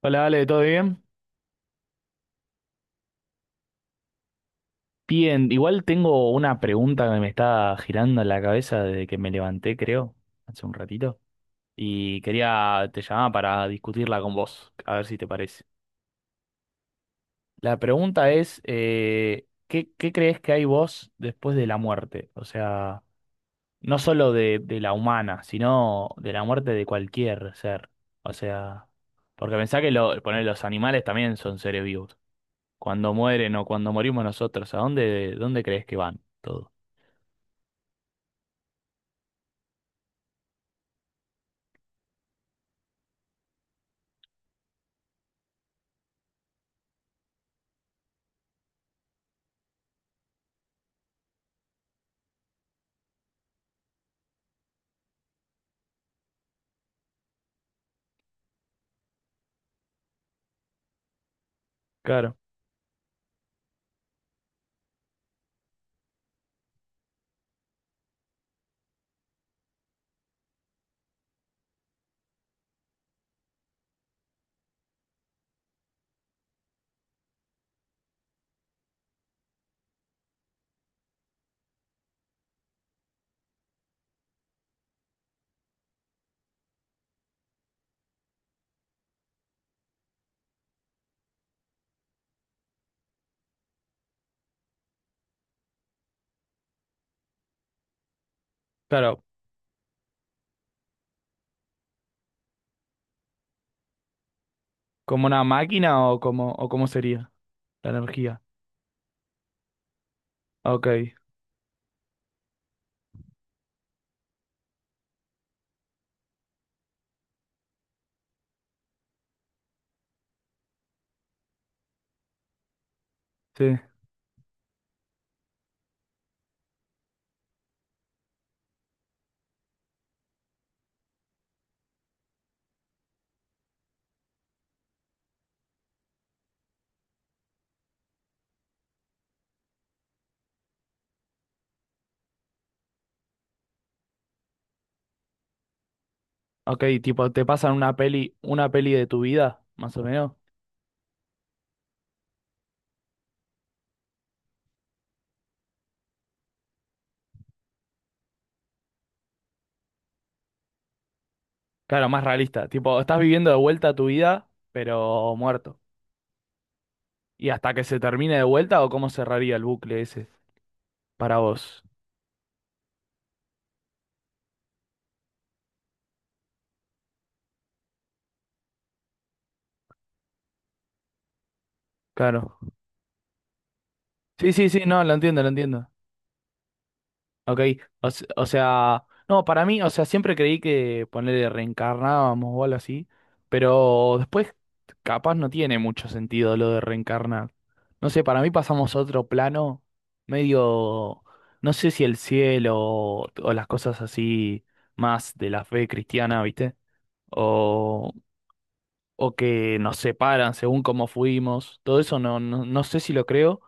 Hola, Ale, ¿todo bien? Bien, igual tengo una pregunta que me está girando en la cabeza desde que me levanté, creo, hace un ratito, y quería, te llamaba para discutirla con vos, a ver si te parece. La pregunta es, ¿qué, qué crees que hay vos después de la muerte? O sea, no solo de la humana, sino de la muerte de cualquier ser. O sea, porque pensá que lo, poner los animales también son seres vivos. Cuando mueren o cuando morimos nosotros, ¿a dónde, dónde crees que van todo? Claro, claro. ¿Como una máquina o como o cómo sería la energía? Ok, sí. Ok, tipo, te pasan una peli de tu vida, más o menos. Claro, más realista. Tipo, estás viviendo de vuelta tu vida, pero muerto. ¿Y hasta que se termine de vuelta o cómo cerraría el bucle ese para vos? Claro. Sí, sí, sí, no, lo entiendo, lo entiendo. Ok, o, se- o sea, no, para mí, o sea, siempre creí que ponerle reencarnábamos o algo así, pero después capaz no tiene mucho sentido lo de reencarnar. No sé, para mí pasamos a otro plano medio, no sé si el cielo o las cosas así más de la fe cristiana, ¿viste? O, o que nos separan según cómo fuimos, todo eso no, no, no sé si lo creo,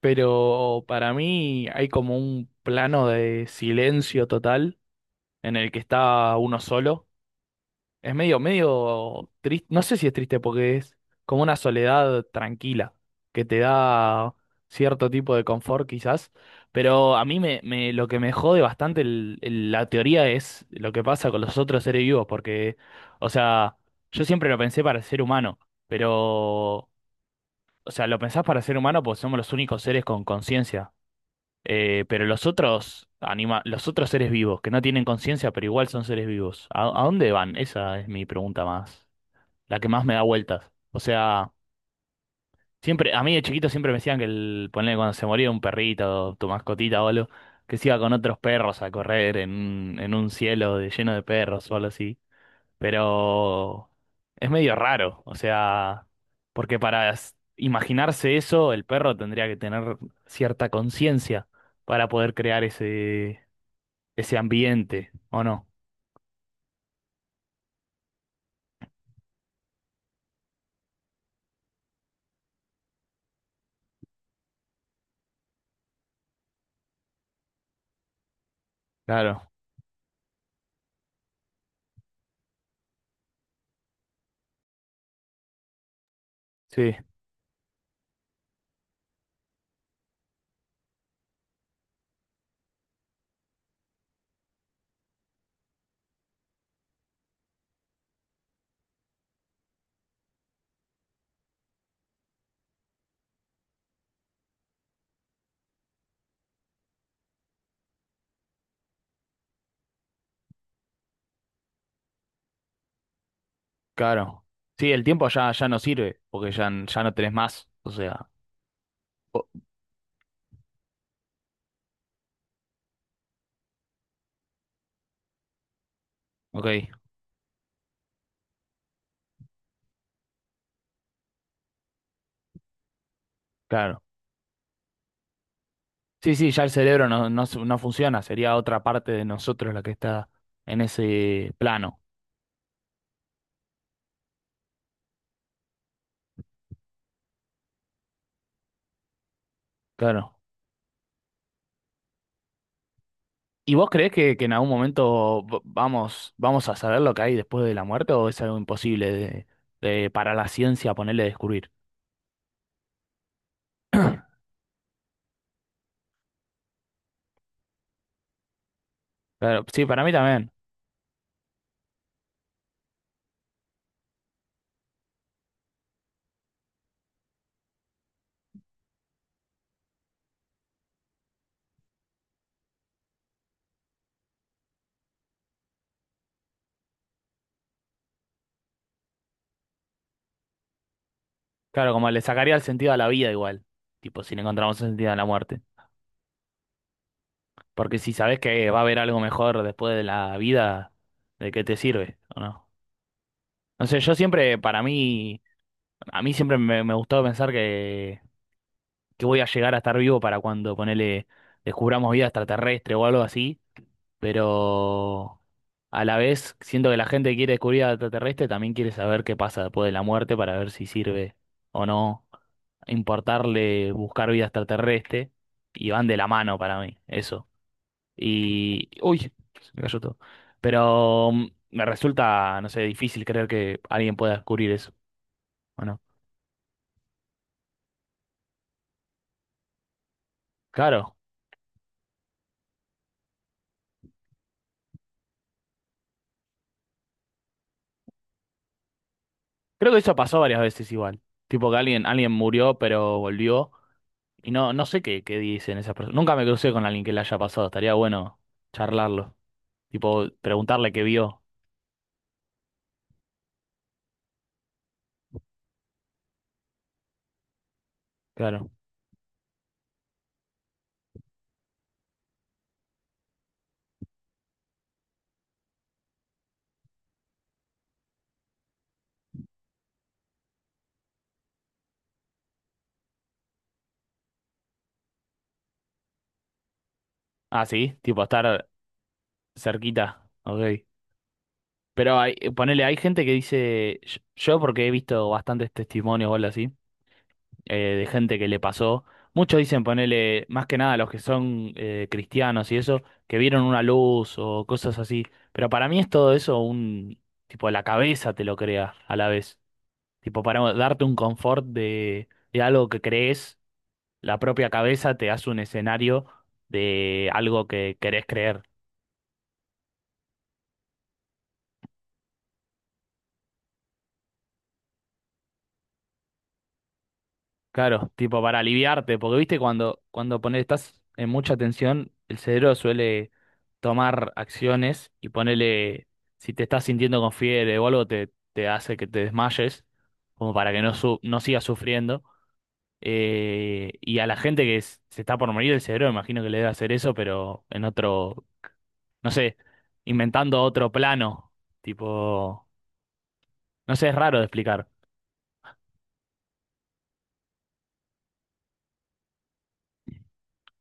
pero para mí hay como un plano de silencio total en el que está uno solo. Es medio, medio triste, no sé si es triste porque es como una soledad tranquila que te da cierto tipo de confort quizás, pero a mí me, me- lo que me jode bastante el- la teoría es lo que pasa con los otros seres vivos, porque, o sea, yo siempre lo pensé para el ser humano, pero, o sea, lo pensás para el ser humano porque somos los únicos seres con conciencia. Pero los otros anima, los otros seres vivos que no tienen conciencia, pero igual son seres vivos, a dónde van? Esa es mi pregunta más, la que más me da vueltas. O sea, siempre, a mí de chiquito siempre me decían que el, ponele cuando se moría un perrito, tu mascotita o algo, que se iba con otros perros a correr en un cielo de- lleno de perros o algo así. Pero es medio raro, o sea, porque para s- imaginarse eso, el perro tendría que tener cierta conciencia para poder crear ese, ese ambiente, ¿o no? Claro, sí, claro. Sí, el tiempo ya, ya no sirve, porque ya, n- ya no tenés más, o sea, o- ok, claro. Sí, sí, ya el cerebro no, no, s- no funciona, sería otra parte de nosotros la que está en ese plano, claro. ¿Y vos creés que en algún momento v- vamos, vamos a saber lo que hay después de la muerte o es algo imposible de- para la ciencia ponerle descubrir? Claro, sí, para mí también. Claro, como le sacaría el sentido a la vida igual, tipo si le encontramos el sentido a la muerte. Porque si sabés que va a haber algo mejor después de la vida, ¿de qué te sirve o no? No sé, yo siempre, para mí, a mí siempre me, me gustó pensar que voy a llegar a estar vivo para cuando ponele, descubramos vida extraterrestre o algo así, pero a la vez siento que la gente que quiere descubrir al extraterrestre también quiere saber qué pasa después de la muerte para ver si sirve o no importarle buscar vida extraterrestre y van de la mano para mí, eso. Y, uy, se me cayó todo. Pero me resulta, no sé, difícil creer que alguien pueda descubrir eso, ¿o no? Claro, creo que eso pasó varias veces igual. Tipo que alguien, alguien murió pero volvió. Y no, no sé qué, qué dicen esas personas. Nunca me crucé con alguien que le haya pasado. Estaría bueno charlarlo. Tipo, preguntarle qué vio. Claro. Ah, sí, tipo estar cerquita. Ok. Pero hay, ponele, hay gente que dice, yo porque he visto bastantes testimonios o algo así, de gente que le pasó. Muchos dicen, ponele, más que nada los que son cristianos y eso, que vieron una luz o cosas así. Pero para mí es todo eso un, tipo, la cabeza te lo crea a la vez. Tipo, para darte un confort de algo que crees, la propia cabeza te hace un escenario de algo que querés creer. Claro, tipo para aliviarte, porque viste cuando, cuando pones, estás en mucha tensión, el cerebro suele tomar acciones y ponerle, si te estás sintiendo con fiebre o algo, te hace que te desmayes, como para que no, su- no sigas sufriendo. Y a la gente que s- se está por morir el cerebro, imagino que le debe hacer eso, pero en otro, no sé, inventando otro plano. Tipo, no sé, es raro de explicar.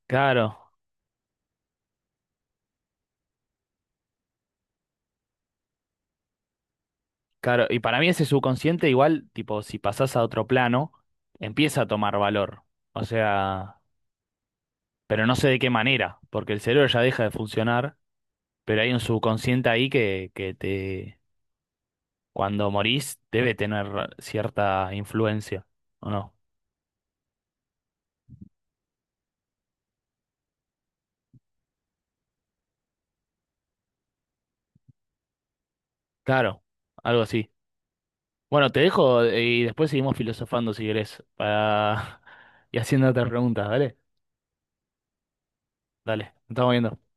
Claro, claro. Y para mí ese subconsciente igual, tipo, si pasás a otro plano, empieza a tomar valor. O sea, pero no sé de qué manera, porque el cerebro ya deja de funcionar, pero hay un subconsciente ahí que te, cuando morís, debe tener cierta influencia, ¿o no? Claro, algo así. Bueno, te dejo y después seguimos filosofando si querés, para... y haciendo otras preguntas, ¿vale? Dale, nos estamos viendo.